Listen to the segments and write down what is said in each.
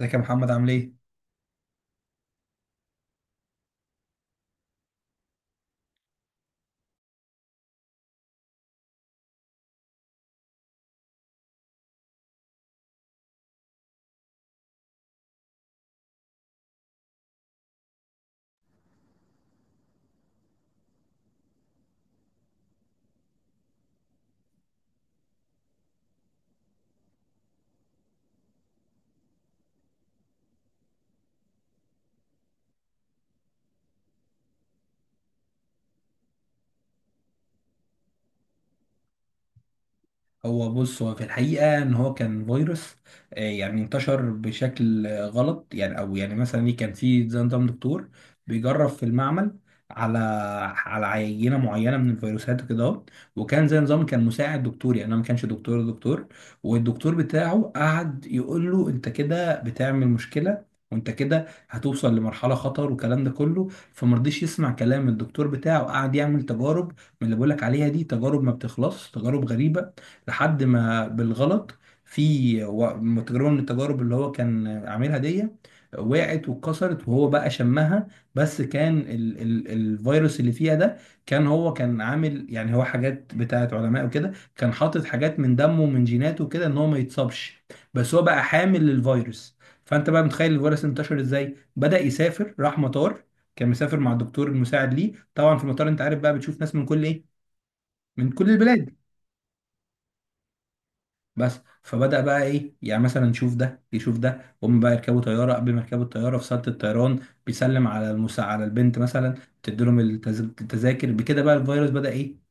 ازيك يا محمد عامل ايه؟ هو بص، هو في الحقيقة إن هو كان فيروس يعني انتشر بشكل غلط، يعني أو يعني مثلا إيه، كان في زي نظام دكتور بيجرب في المعمل على على عينة معينة من الفيروسات وكده أهو. وكان زي نظام، كان مساعد دكتور، يعني أنا ما كانش دكتور. والدكتور بتاعه قعد يقول له أنت كده بتعمل مشكلة، وأنت كده هتوصل لمرحلة خطر والكلام ده كله، فمرضيش يسمع كلام الدكتور بتاعه، قعد يعمل تجارب من اللي بقولك عليها دي، تجارب ما بتخلص، تجارب غريبة. لحد ما بالغلط في تجربة من التجارب اللي هو كان عاملها دي وقعت واتكسرت وهو بقى شمها. بس كان ال الفيروس اللي فيها ده، كان هو كان عامل، يعني هو حاجات بتاعت علماء وكده، كان حاطط حاجات من دمه ومن جيناته كده ان هو ما يتصابش، بس هو بقى حامل للفيروس. فانت بقى متخيل الفيروس انتشر ازاي، بدأ يسافر، راح مطار، كان مسافر مع الدكتور المساعد ليه طبعا، في المطار انت عارف بقى بتشوف ناس من كل ايه، من كل البلاد. بس فبدأ بقى ايه، يعني مثلا يشوف ده يشوف ده، هم بقى يركبوا طياره، قبل ما يركبوا الطياره في صاله الطيران بيسلم على المسا، على البنت مثلا تدي لهم التذاكر، بكده بقى الفيروس بدأ ايه.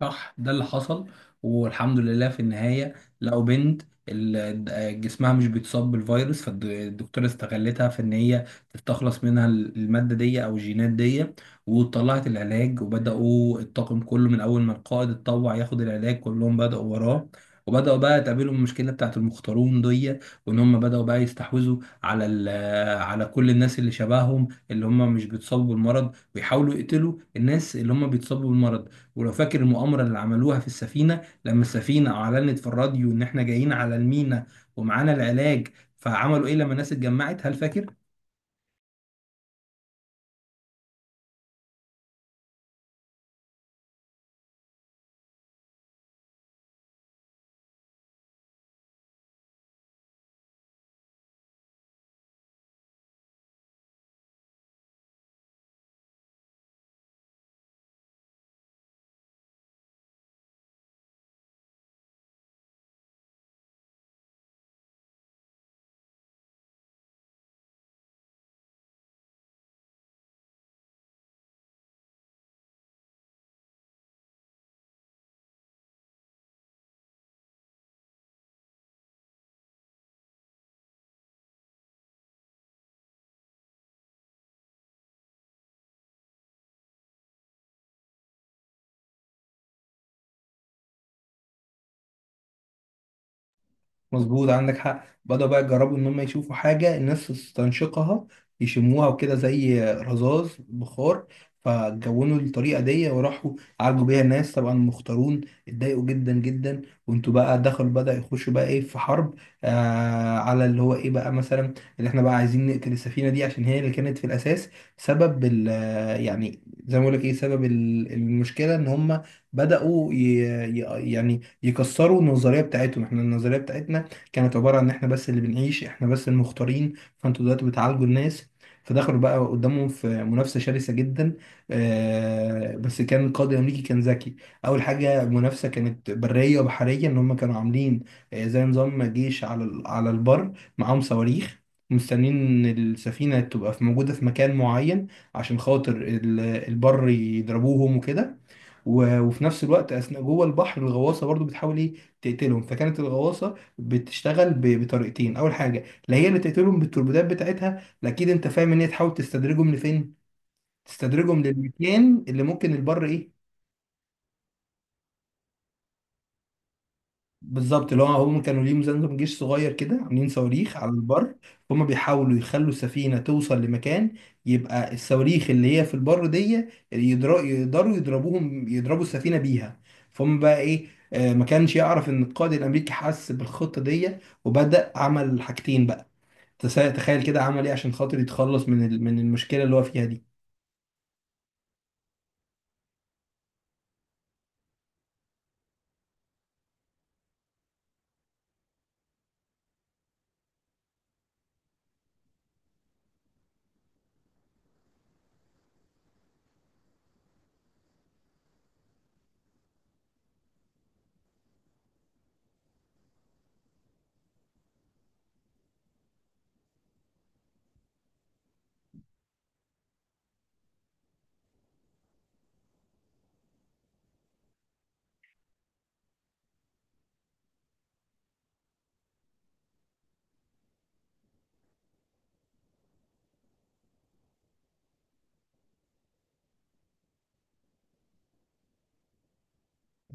صح، ده اللي حصل. والحمد لله في النهاية لقوا بنت جسمها مش بيتصاب بالفيروس، فالدكتورة استغلتها في ان هي تستخلص منها المادة دي او الجينات دي، وطلعت العلاج، وبدأوا الطاقم كله من اول ما القائد اتطوع ياخد العلاج كلهم بدأوا وراه. وبدأوا بقى تقابلهم المشكلة بتاعت المختارون دي، وان هم بدأوا بقى يستحوذوا على على كل الناس اللي شبههم، اللي هم مش بيتصابوا بالمرض، ويحاولوا يقتلوا الناس اللي هم بيتصابوا بالمرض. ولو فاكر المؤامرة اللي عملوها في السفينة لما السفينة أعلنت في الراديو إن إحنا جايين على المينا ومعانا العلاج، فعملوا إيه لما الناس اتجمعت، هل فاكر؟ مظبوط، عندك حق. بدأوا بقى يجربوا إن هم يشوفوا حاجة الناس تستنشقها، يشموها وكده، زي رذاذ بخار. فجونوا الطريقة دي وراحوا عالجوا بيها الناس. طبعا المختارون اتضايقوا جدا جدا، وانتوا بقى دخلوا، بدأ يخشوا بقى ايه، في حرب على اللي هو ايه بقى، مثلا اللي احنا بقى عايزين نقتل السفينة دي عشان هي اللي كانت في الأساس سبب ال يعني، زي ما بقول لك ايه، سبب ال المشكلة ان هم بدأوا يعني يكسروا النظرية بتاعتهم. احنا النظرية بتاعتنا كانت عبارة عن إحنا بس اللي بنعيش، إحنا بس المختارين، فأنتوا دلوقتي بتعالجوا الناس. فدخلوا بقى قدامهم في منافسة شرسة جدا. بس كان القائد الأمريكي كان ذكي. أول حاجة المنافسة كانت برية وبحرية، إن هم كانوا عاملين زي نظام جيش على على البر، معاهم صواريخ، مستنيين إن السفينة تبقى موجودة في مكان معين عشان خاطر البر يضربوهم وكده. وفي نفس الوقت اثناء جوه البحر الغواصه برضو بتحاول ايه، تقتلهم. فكانت الغواصه بتشتغل بطريقتين، اول حاجه لا، هي اللي تقتلهم بالتوربيدات بتاعتها لا، اكيد انت فاهم ان هي تحاول تستدرجهم لفين، تستدرجهم للمكان اللي ممكن البر ايه. بالظبط، اللي هو هم كانوا ليهم زمزم جيش صغير كده، عاملين صواريخ على البر. هم بيحاولوا يخلوا السفينة توصل لمكان، يبقى الصواريخ اللي هي في البر دي يقدروا يضربوهم، يضربوا السفينة بيها. فهم بقى ايه، آه، ما كانش يعرف ان القائد الامريكي حس بالخطة دي وبدأ عمل حاجتين بقى. تخيل كده عمل ايه عشان خاطر يتخلص من من المشكلة اللي هو فيها دي.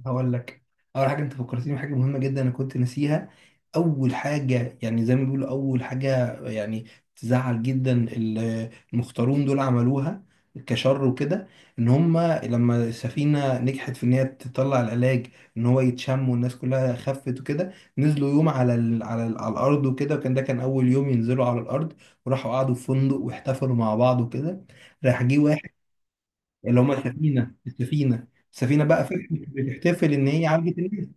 هقول لك. اول حاجه انت فكرتني بحاجه مهمه جدا انا كنت ناسيها. اول حاجه يعني زي ما بيقولوا، اول حاجه يعني، تزعل جدا المختارون دول عملوها كشر وكده، ان هم لما السفينه نجحت في ان هي تطلع العلاج، ان هو يتشم والناس كلها خفت وكده، نزلوا يوم على ال على الارض وكده، وكان ده كان اول يوم ينزلوا على الارض. وراحوا قعدوا في فندق واحتفلوا مع بعض وكده. راح جه واحد، اللي هم السفينه بقى فرحت بتحتفل ان هي عالجت الناس.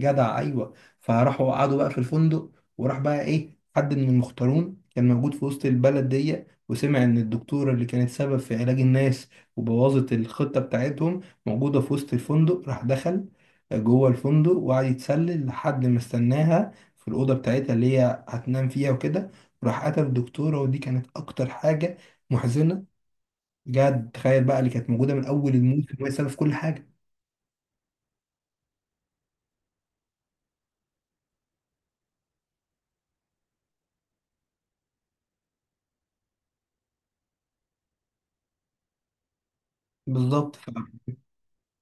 جدع، ايوه. فراحوا قعدوا بقى في الفندق، وراح بقى ايه حد من المختارون كان موجود في وسط البلد دي وسمع ان الدكتوره اللي كانت سبب في علاج الناس وبوظت الخطه بتاعتهم موجوده في وسط الفندق، راح دخل جوه الفندق وقعد يتسلل لحد ما استناها في الاوضه بتاعتها اللي هي هتنام فيها وكده، راح قتل الدكتوره. ودي كانت اكتر حاجه محزنه، بجد، تخيل بقى اللي كانت موجوده من اول الموسم وهي السبب في كل حاجه. بالظبط.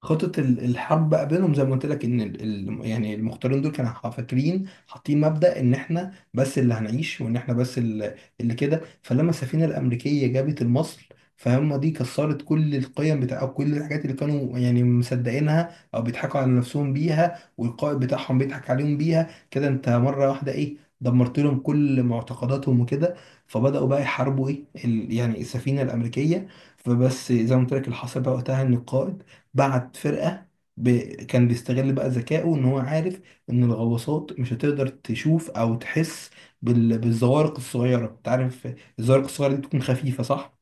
خطة ال الحرب بقى بينهم، زي ما قلت لك، ان يعني المختارين دول كانوا فاكرين حاطين مبدأ ان احنا بس اللي هنعيش، وان احنا بس اللي كده. فلما السفينة الأمريكية جابت المصل، فهم دي كسرت كل القيم بتاع، أو كل الحاجات اللي كانوا يعني مصدقينها او بيضحكوا على نفسهم بيها، والقائد بتاعهم بيضحك عليهم بيها كده. انت مرة واحدة ايه، دمرت لهم كل معتقداتهم وكده. فبدأوا بقى يحاربوا ايه يعني السفينة الأمريكية. فبس، زي ما قلت لك، اللي حصل بقى وقتها ان القائد بعت فرقة ب... كان بيستغل بقى ذكائه، ان هو عارف ان الغواصات مش هتقدر تشوف او تحس بالزوارق الصغيرة. انت عارف الزوارق الصغيرة دي بتكون خفيفة، صح؟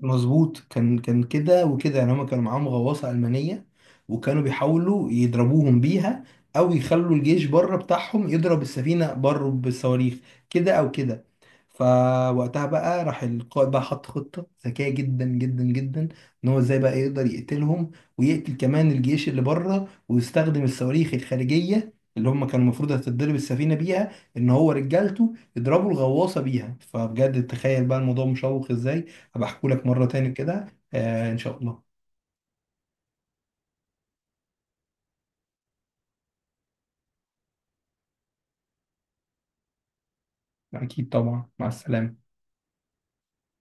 مظبوط، كان كده وكده، يعني هما كانوا معاهم غواصة ألمانية وكانوا بيحاولوا يضربوهم بيها، أو يخلوا الجيش بره بتاعهم يضرب السفينة بره بالصواريخ، كده أو كده. فوقتها بقى راح القائد بقى حط خطة ذكية جدا جدا جدا، إن هو إزاي بقى يقدر يقتلهم ويقتل كمان الجيش اللي بره، ويستخدم الصواريخ الخارجية اللي هم كانوا المفروض هتتضرب السفينة بيها، إن هو رجالته يضربوا الغواصة بيها. فبجد تخيل بقى الموضوع مشوق إزاي. هبقى احكولك مرة تاني كده، آه إن شاء الله. أكيد طبعا، مع السلامة.